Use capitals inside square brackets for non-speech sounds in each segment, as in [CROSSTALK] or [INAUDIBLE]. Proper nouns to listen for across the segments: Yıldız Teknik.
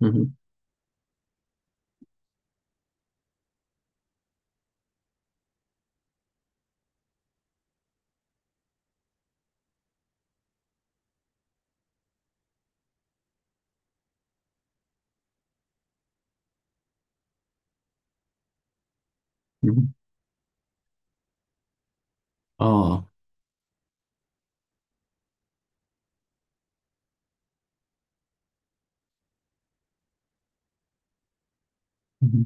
Hı hı, hı hı. Aa. Hı hı.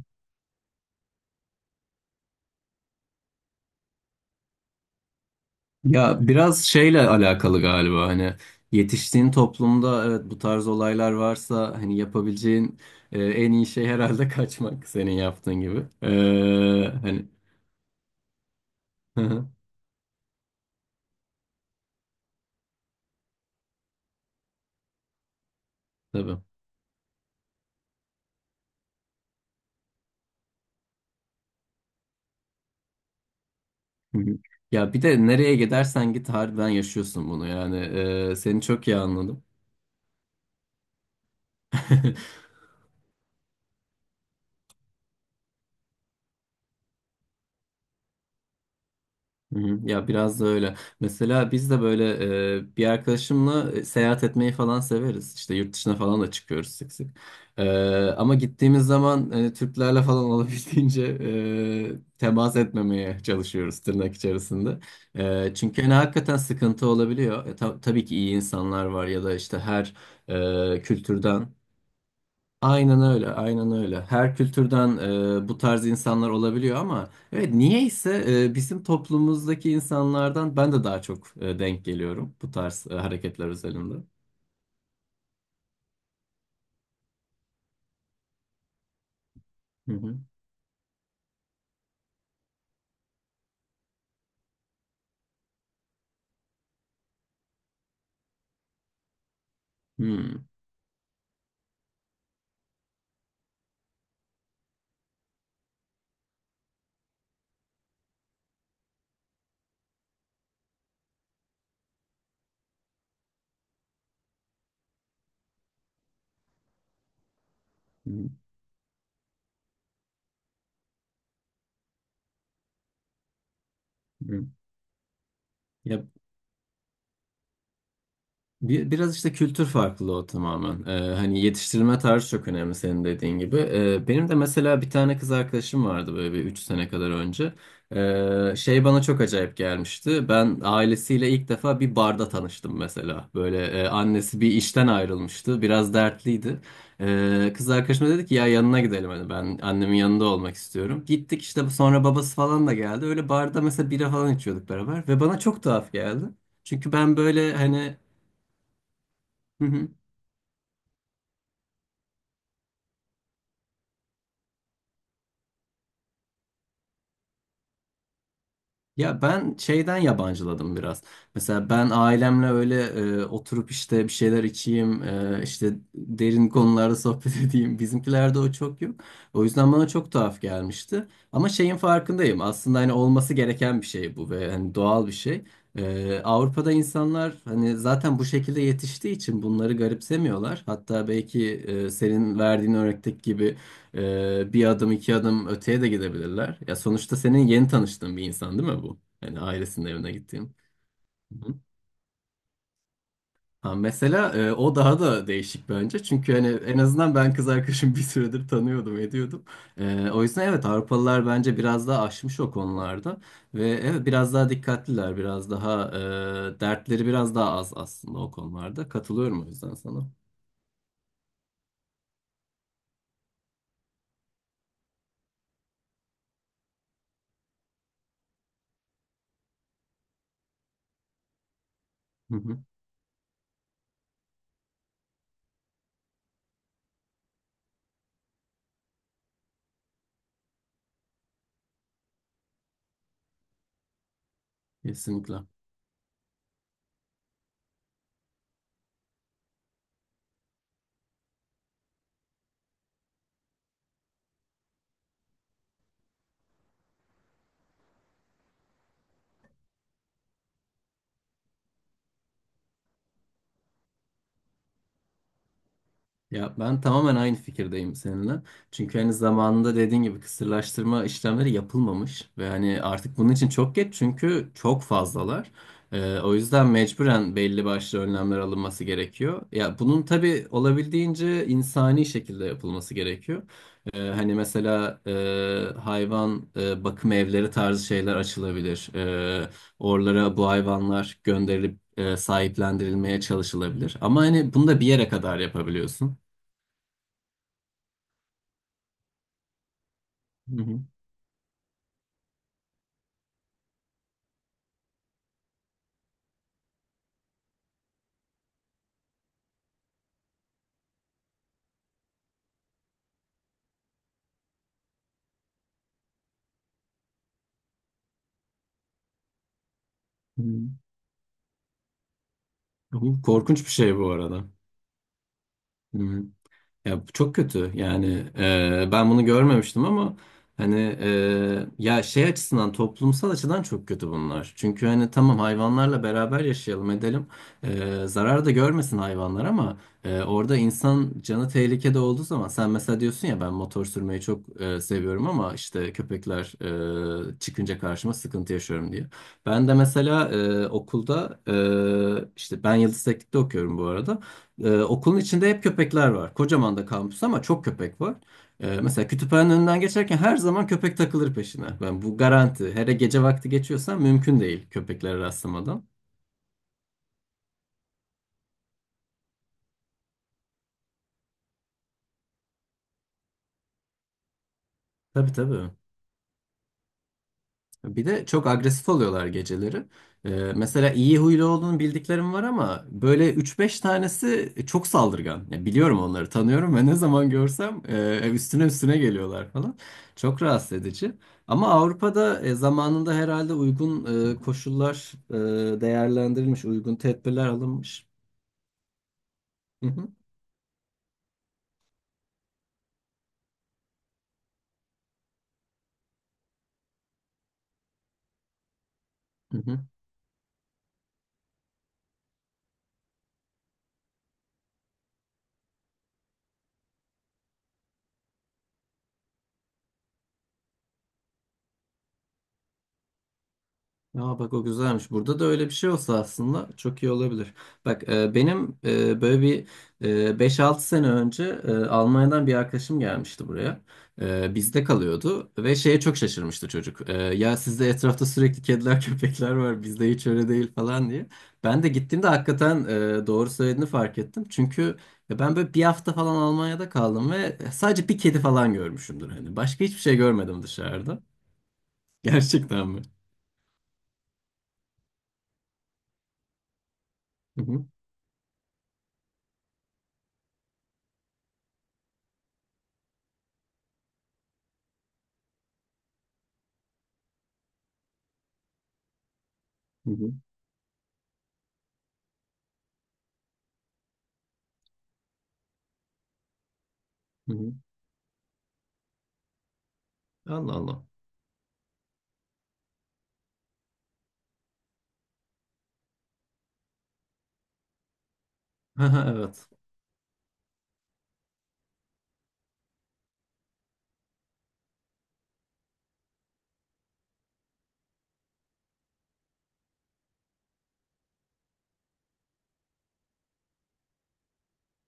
Ya biraz şeyle alakalı galiba hani yetiştiğin toplumda evet bu tarz olaylar varsa hani yapabileceğin en iyi şey herhalde [LAUGHS] kaçmak senin yaptığın gibi. Hani [LAUGHS] hı hı, tabii. Hı hı. Ya bir de nereye gidersen git harbiden yaşıyorsun bunu yani. Seni çok iyi anladım. [LAUGHS] Hı hı. Ya biraz da öyle. Mesela biz de böyle bir arkadaşımla seyahat etmeyi falan severiz. İşte yurt dışına falan da çıkıyoruz sık sık. E, ama gittiğimiz zaman Türklerle falan [LAUGHS] olabildiğince temas etmemeye çalışıyoruz tırnak içerisinde. Çünkü hani hakikaten sıkıntı olabiliyor. Tabii ki iyi insanlar var ya da işte her kültürden. Aynen öyle, aynen öyle. Her kültürden bu tarz insanlar olabiliyor ama evet niyeyse bizim toplumumuzdaki insanlardan ben de daha çok denk geliyorum bu tarz hareketler özelinde. Hı hı. Hmm, hı hı. Ya biraz işte kültür farklılığı o tamamen. Hani yetiştirilme tarzı çok önemli senin dediğin gibi. Benim de mesela bir tane kız arkadaşım vardı böyle bir 3 sene kadar önce. Şey bana çok acayip gelmişti. Ben ailesiyle ilk defa bir barda tanıştım mesela. Böyle annesi bir işten ayrılmıştı. Biraz dertliydi. Kız arkadaşım da dedi ki ya yanına gidelim hani ben annemin yanında olmak istiyorum. Gittik işte sonra babası falan da geldi. Öyle barda mesela bira falan içiyorduk beraber ve bana çok tuhaf geldi. Çünkü ben böyle hani. [LAUGHS] Ya ben şeyden yabancıladım biraz. Mesela ben ailemle öyle oturup işte bir şeyler içeyim, işte derin konularda sohbet [LAUGHS] edeyim. Bizimkilerde o çok yok. O yüzden bana çok tuhaf gelmişti. Ama şeyin farkındayım. Aslında hani olması gereken bir şey bu ve hani doğal bir şey. Avrupa'da insanlar hani zaten bu şekilde yetiştiği için bunları garipsemiyorlar. Hatta belki senin verdiğin örnekteki gibi bir adım iki adım öteye de gidebilirler. Ya sonuçta senin yeni tanıştığın bir insan değil mi bu? Yani ailesinin evine gittiğin. Hı. Ha, mesela o daha da değişik bence. Çünkü hani en azından ben kız arkadaşımı [LAUGHS] bir süredir tanıyordum, ediyordum. O yüzden evet Avrupalılar bence biraz daha aşmış o konularda. Ve evet biraz daha dikkatliler, biraz daha dertleri biraz daha az aslında o konularda. Katılıyorum o yüzden sana. Hı hı. Kesinlikle. Ya ben tamamen aynı fikirdeyim seninle. Çünkü hani zamanında dediğin gibi kısırlaştırma işlemleri yapılmamış ve hani artık bunun için çok geç çünkü çok fazlalar. O yüzden mecburen belli başlı önlemler alınması gerekiyor. Ya bunun tabii olabildiğince insani şekilde yapılması gerekiyor. Hani mesela hayvan bakım evleri tarzı şeyler açılabilir. Oralara bu hayvanlar gönderilip sahiplendirilmeye çalışılabilir. Ama hani bunu da bir yere kadar yapabiliyorsun. Hı hı. Hı hı. Bu korkunç bir şey bu arada. Hı. Ya bu çok kötü yani ben bunu görmemiştim ama hani ya şey açısından toplumsal açıdan çok kötü bunlar. Çünkü hani tamam hayvanlarla beraber yaşayalım edelim, zarar da görmesin hayvanlar ama orada insan canı tehlikede olduğu zaman sen mesela diyorsun ya ben motor sürmeyi çok seviyorum ama işte köpekler çıkınca karşıma sıkıntı yaşıyorum diye. Ben de mesela okulda işte ben Yıldız Teknik'te okuyorum bu arada. Okulun içinde hep köpekler var. Kocaman da kampüs ama çok köpek var. Mesela kütüphanenin önünden geçerken her zaman köpek takılır peşine. Ben bu garanti. Hele gece vakti geçiyorsan mümkün değil köpeklere rastlamadan. Tabii tabii. Bir de çok agresif oluyorlar geceleri. Ee, mesela iyi huylu olduğunu bildiklerim var ama böyle üç beş tanesi çok saldırgan. Ya biliyorum onları, tanıyorum [LAUGHS] ve ne zaman görsem üstüne üstüne geliyorlar falan. Çok rahatsız edici. Ama Avrupa'da zamanında herhalde uygun koşullar değerlendirilmiş, uygun tedbirler alınmış. Hı hı. Hı hı. Aa, bak o güzelmiş. Burada da öyle bir şey olsa aslında çok iyi olabilir. Bak benim böyle bir 5-6 sene önce Almanya'dan bir arkadaşım gelmişti buraya. Bizde kalıyordu ve şeye çok şaşırmıştı çocuk. Ya sizde etrafta sürekli kediler [LAUGHS] köpekler var bizde hiç öyle değil falan diye. Ben de gittiğimde hakikaten doğru söylediğini fark ettim. Çünkü ya ben böyle bir hafta falan Almanya'da kaldım ve sadece bir kedi falan görmüşümdür. Hani başka hiçbir şey görmedim dışarıda. [LAUGHS] Gerçekten mi? Hı hı. Hı hı. Hı hı. Allah Allah. [LAUGHS] Ha, ha, evet.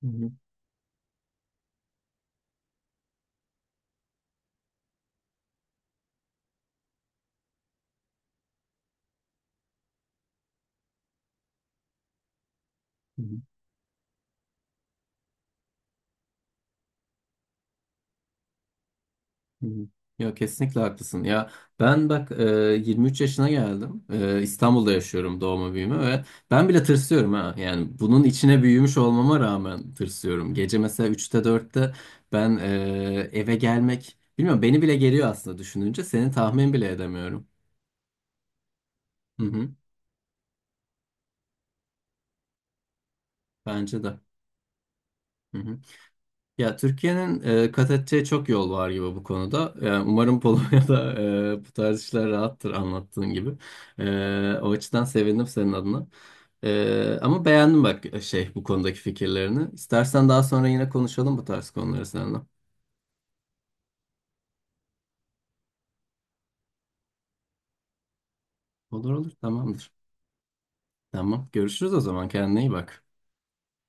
Hı hı, hı hı, hı hı. Ya kesinlikle haklısın. Ya ben bak 23 yaşına geldim. İstanbul'da yaşıyorum doğma büyüme ve ben bile tırsıyorum ha. Yani bunun içine büyümüş olmama rağmen tırsıyorum. Gece mesela üçte dörtte ben eve gelmek bilmiyorum beni bile geriyor aslında düşününce. Senin tahmin bile edemiyorum. Hı hı. Bence de. Hı hı. Ya Türkiye'nin kat edeceği çok yol var gibi bu konuda. Yani umarım Polonya'da [LAUGHS] bu tarz işler rahattır anlattığın gibi. O açıdan sevindim senin adına. Ama beğendim bak şey bu konudaki fikirlerini. İstersen daha sonra yine konuşalım bu tarz konuları seninle. Olur olur tamamdır. Tamam görüşürüz o zaman kendine iyi bak.